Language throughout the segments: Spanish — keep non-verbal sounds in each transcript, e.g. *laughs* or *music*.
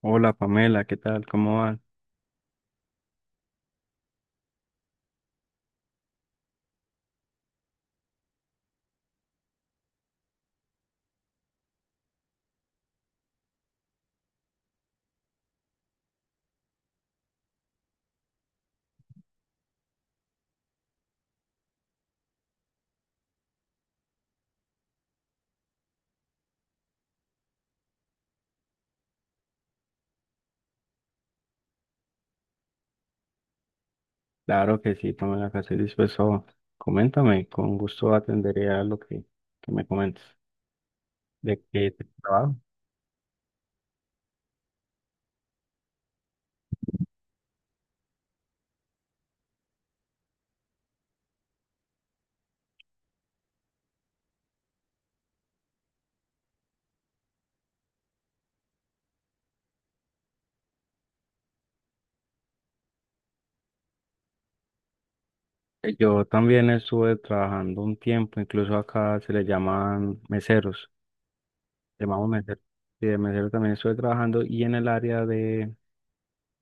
Hola, Pamela, ¿qué tal? ¿Cómo va? Claro que sí, Pamela, que estoy dispuesto. Coméntame, con gusto atenderé a lo que me comentes. ¿De qué trabajo? Yo también estuve trabajando un tiempo, incluso acá se le llaman meseros, llamamos meseros. Sí, de mesero también estuve trabajando y en el área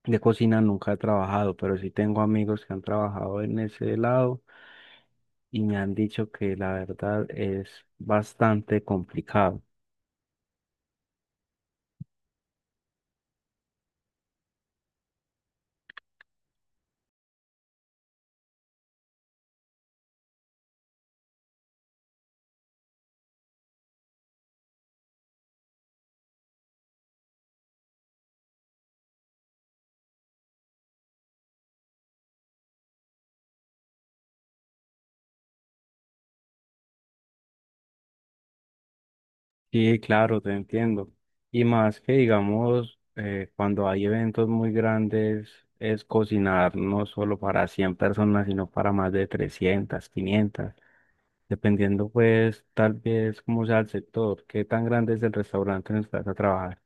de cocina nunca he trabajado, pero sí tengo amigos que han trabajado en ese lado y me han dicho que la verdad es bastante complicado. Sí, claro, te entiendo. Y más que digamos, cuando hay eventos muy grandes, es cocinar no solo para 100 personas, sino para más de 300, 500, dependiendo pues tal vez cómo sea el sector, qué tan grande es el restaurante en el que vas a trabajar.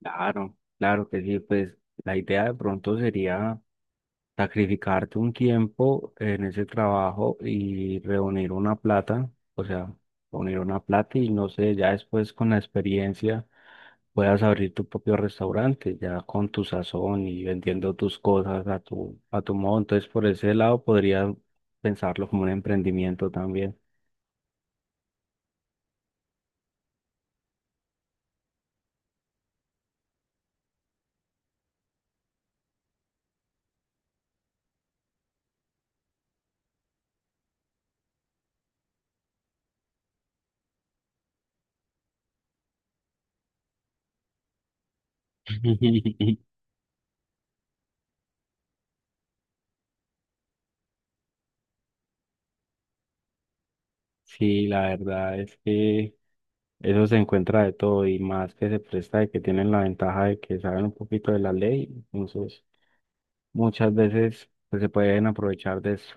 Claro, claro que sí, pues la idea de pronto sería sacrificarte un tiempo en ese trabajo y reunir una plata, o sea, reunir una plata y no sé, ya después con la experiencia puedas abrir tu propio restaurante ya con tu sazón y vendiendo tus cosas a tu modo. Entonces, por ese lado podría pensarlo como un emprendimiento también. *laughs* Sí, la verdad es que eso se encuentra de todo y más que se presta de que tienen la ventaja de que saben un poquito de la ley. Entonces, muchas veces pues, se pueden aprovechar de eso.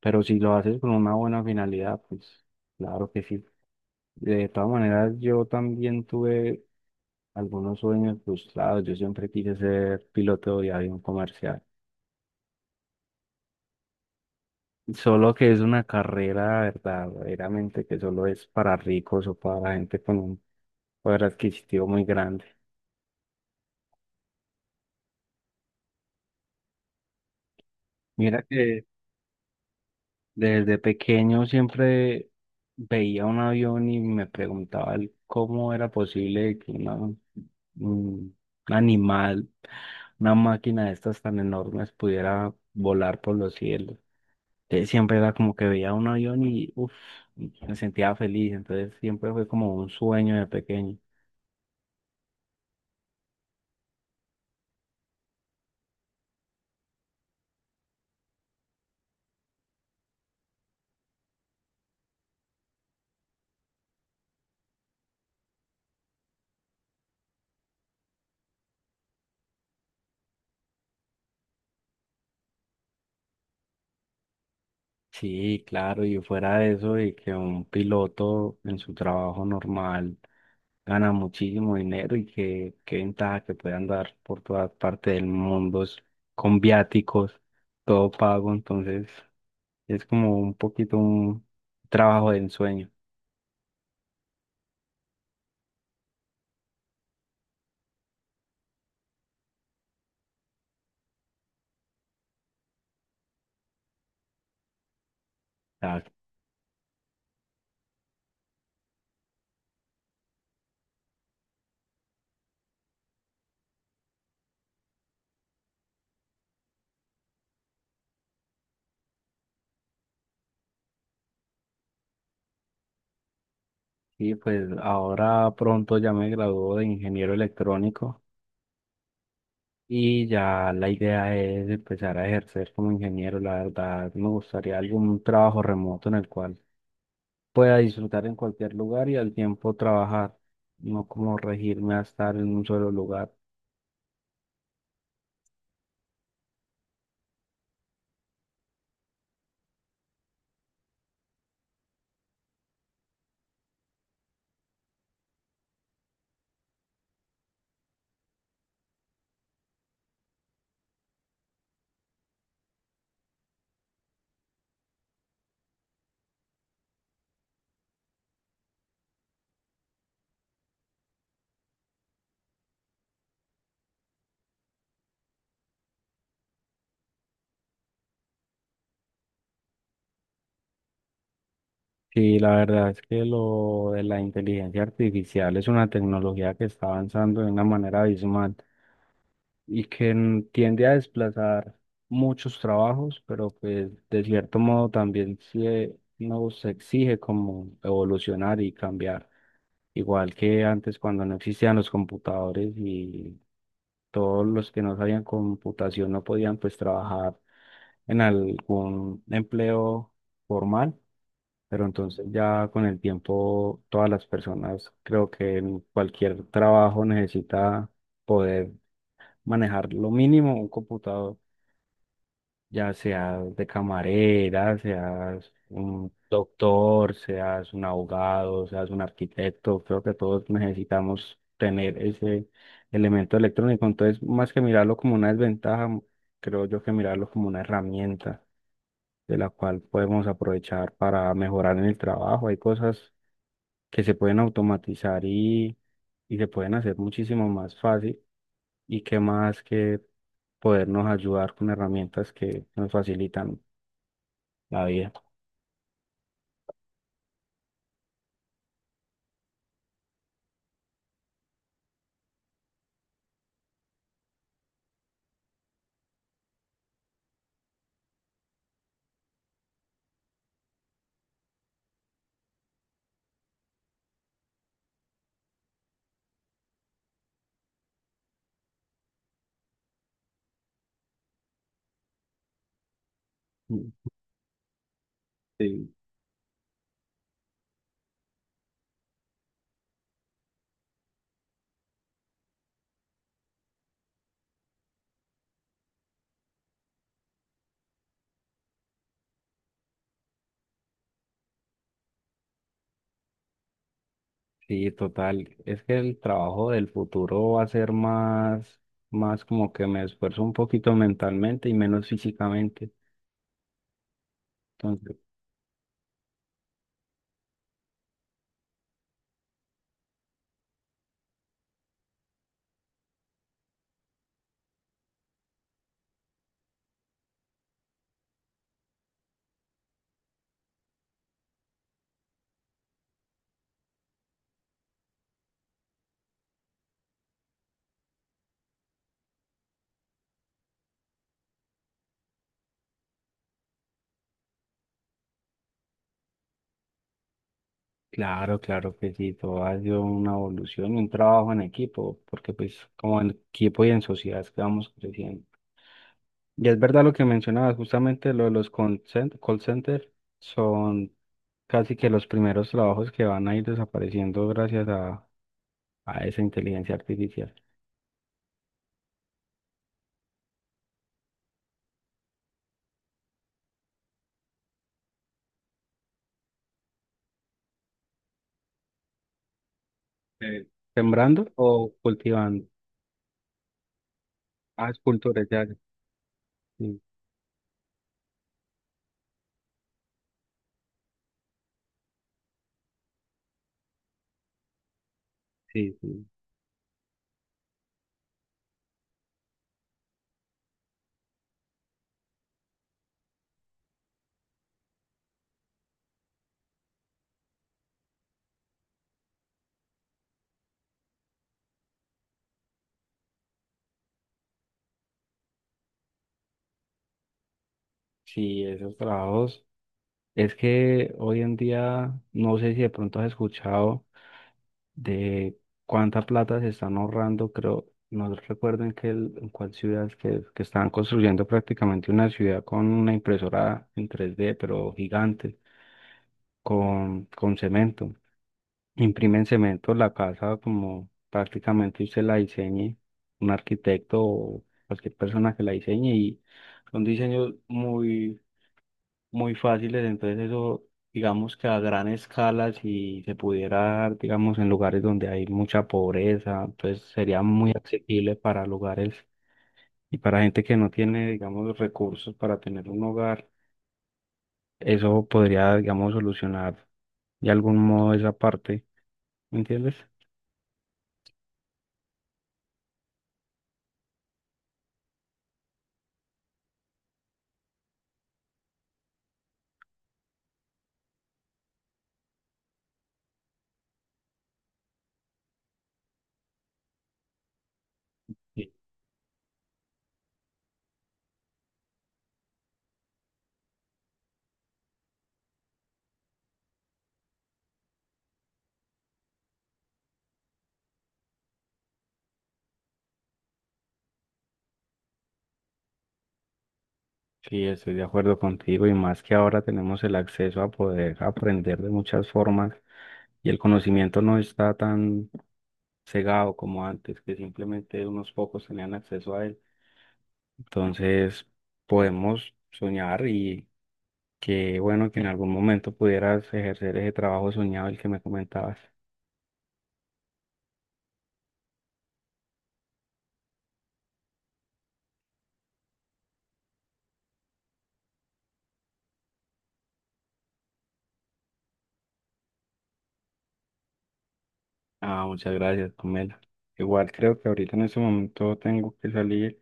Pero si lo haces con una buena finalidad, pues claro que sí. De todas maneras, yo también tuve algunos sueños frustrados. Yo siempre quise ser piloto de avión comercial. Solo que es una carrera verdaderamente que solo es para ricos o para gente con un poder adquisitivo muy grande. Mira que desde pequeño siempre veía un avión y me preguntaba el cómo era posible que un animal, una máquina de estas tan enormes pudiera volar por los cielos. Entonces siempre era como que veía un avión y uf, me sentía feliz. Entonces siempre fue como un sueño de pequeño. Sí, claro, y fuera de eso, y que un piloto en su trabajo normal gana muchísimo dinero y que qué ventaja que puede andar por todas partes del mundo con viáticos, todo pago, entonces es como un poquito un trabajo de ensueño. Ah. Sí, pues ahora pronto ya me graduó de ingeniero electrónico. Y ya la idea es empezar a ejercer como ingeniero. La verdad, me gustaría algún trabajo remoto en el cual pueda disfrutar en cualquier lugar y al tiempo trabajar, no como regirme a estar en un solo lugar. Sí, la verdad es que lo de la inteligencia artificial es una tecnología que está avanzando de una manera abismal, y que tiende a desplazar muchos trabajos, pero pues de cierto modo también se nos exige como evolucionar y cambiar, igual que antes cuando no existían los computadores y todos los que no sabían computación no podían pues trabajar en algún empleo formal, pero entonces ya con el tiempo todas las personas creo que en cualquier trabajo necesita poder manejar lo mínimo un computador, ya seas de camarera, seas un doctor, seas un abogado, seas un arquitecto, creo que todos necesitamos tener ese elemento electrónico. Entonces, más que mirarlo como una desventaja, creo yo que mirarlo como una herramienta de la cual podemos aprovechar para mejorar en el trabajo. Hay cosas que se pueden automatizar y se pueden hacer muchísimo más fácil y qué más que podernos ayudar con herramientas que nos facilitan la vida. Mm. Sí. Sí, total. Es que el trabajo del futuro va a ser más, más como que me esfuerzo un poquito mentalmente y menos físicamente. Entonces, claro, claro que sí, todo ha sido una evolución y un trabajo en equipo, porque pues como en equipo y en sociedad es que vamos creciendo. Y es verdad lo que mencionabas, justamente lo de los call center son casi que los primeros trabajos que van a ir desapareciendo gracias a esa inteligencia artificial. Eh, ¿Sembrando o cultivando? Ah, es cultura, ya. Ya. Sí, sí, sí. Sí, esos trabajos. Es que hoy en día, no sé si de pronto has escuchado de cuánta plata se están ahorrando, creo, no recuerdo en qué, en cuál ciudad es que estaban construyendo prácticamente una ciudad con una impresora en 3D pero gigante, con cemento. Imprimen cemento la casa como prácticamente usted la diseñe, un arquitecto o cualquier persona que la diseñe y son diseños muy muy fáciles, entonces eso, digamos que a gran escala, si se pudiera dar, digamos, en lugares donde hay mucha pobreza, pues sería muy accesible para lugares y para gente que no tiene, digamos, los recursos para tener un hogar, eso podría, digamos, solucionar de algún modo esa parte, ¿me entiendes? Sí. Sí, estoy de acuerdo contigo y más que ahora tenemos el acceso a poder aprender de muchas formas y el conocimiento no está tan cegado como antes, que simplemente unos pocos tenían acceso a él. Entonces, podemos soñar y qué bueno que en algún momento pudieras ejercer ese trabajo soñado el que me comentabas. Ah, muchas gracias, Pamela. Igual creo que ahorita en este momento tengo que salir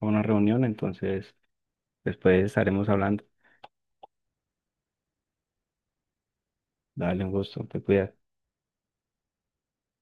a una reunión, entonces después estaremos hablando. Dale, un gusto, te cuidas.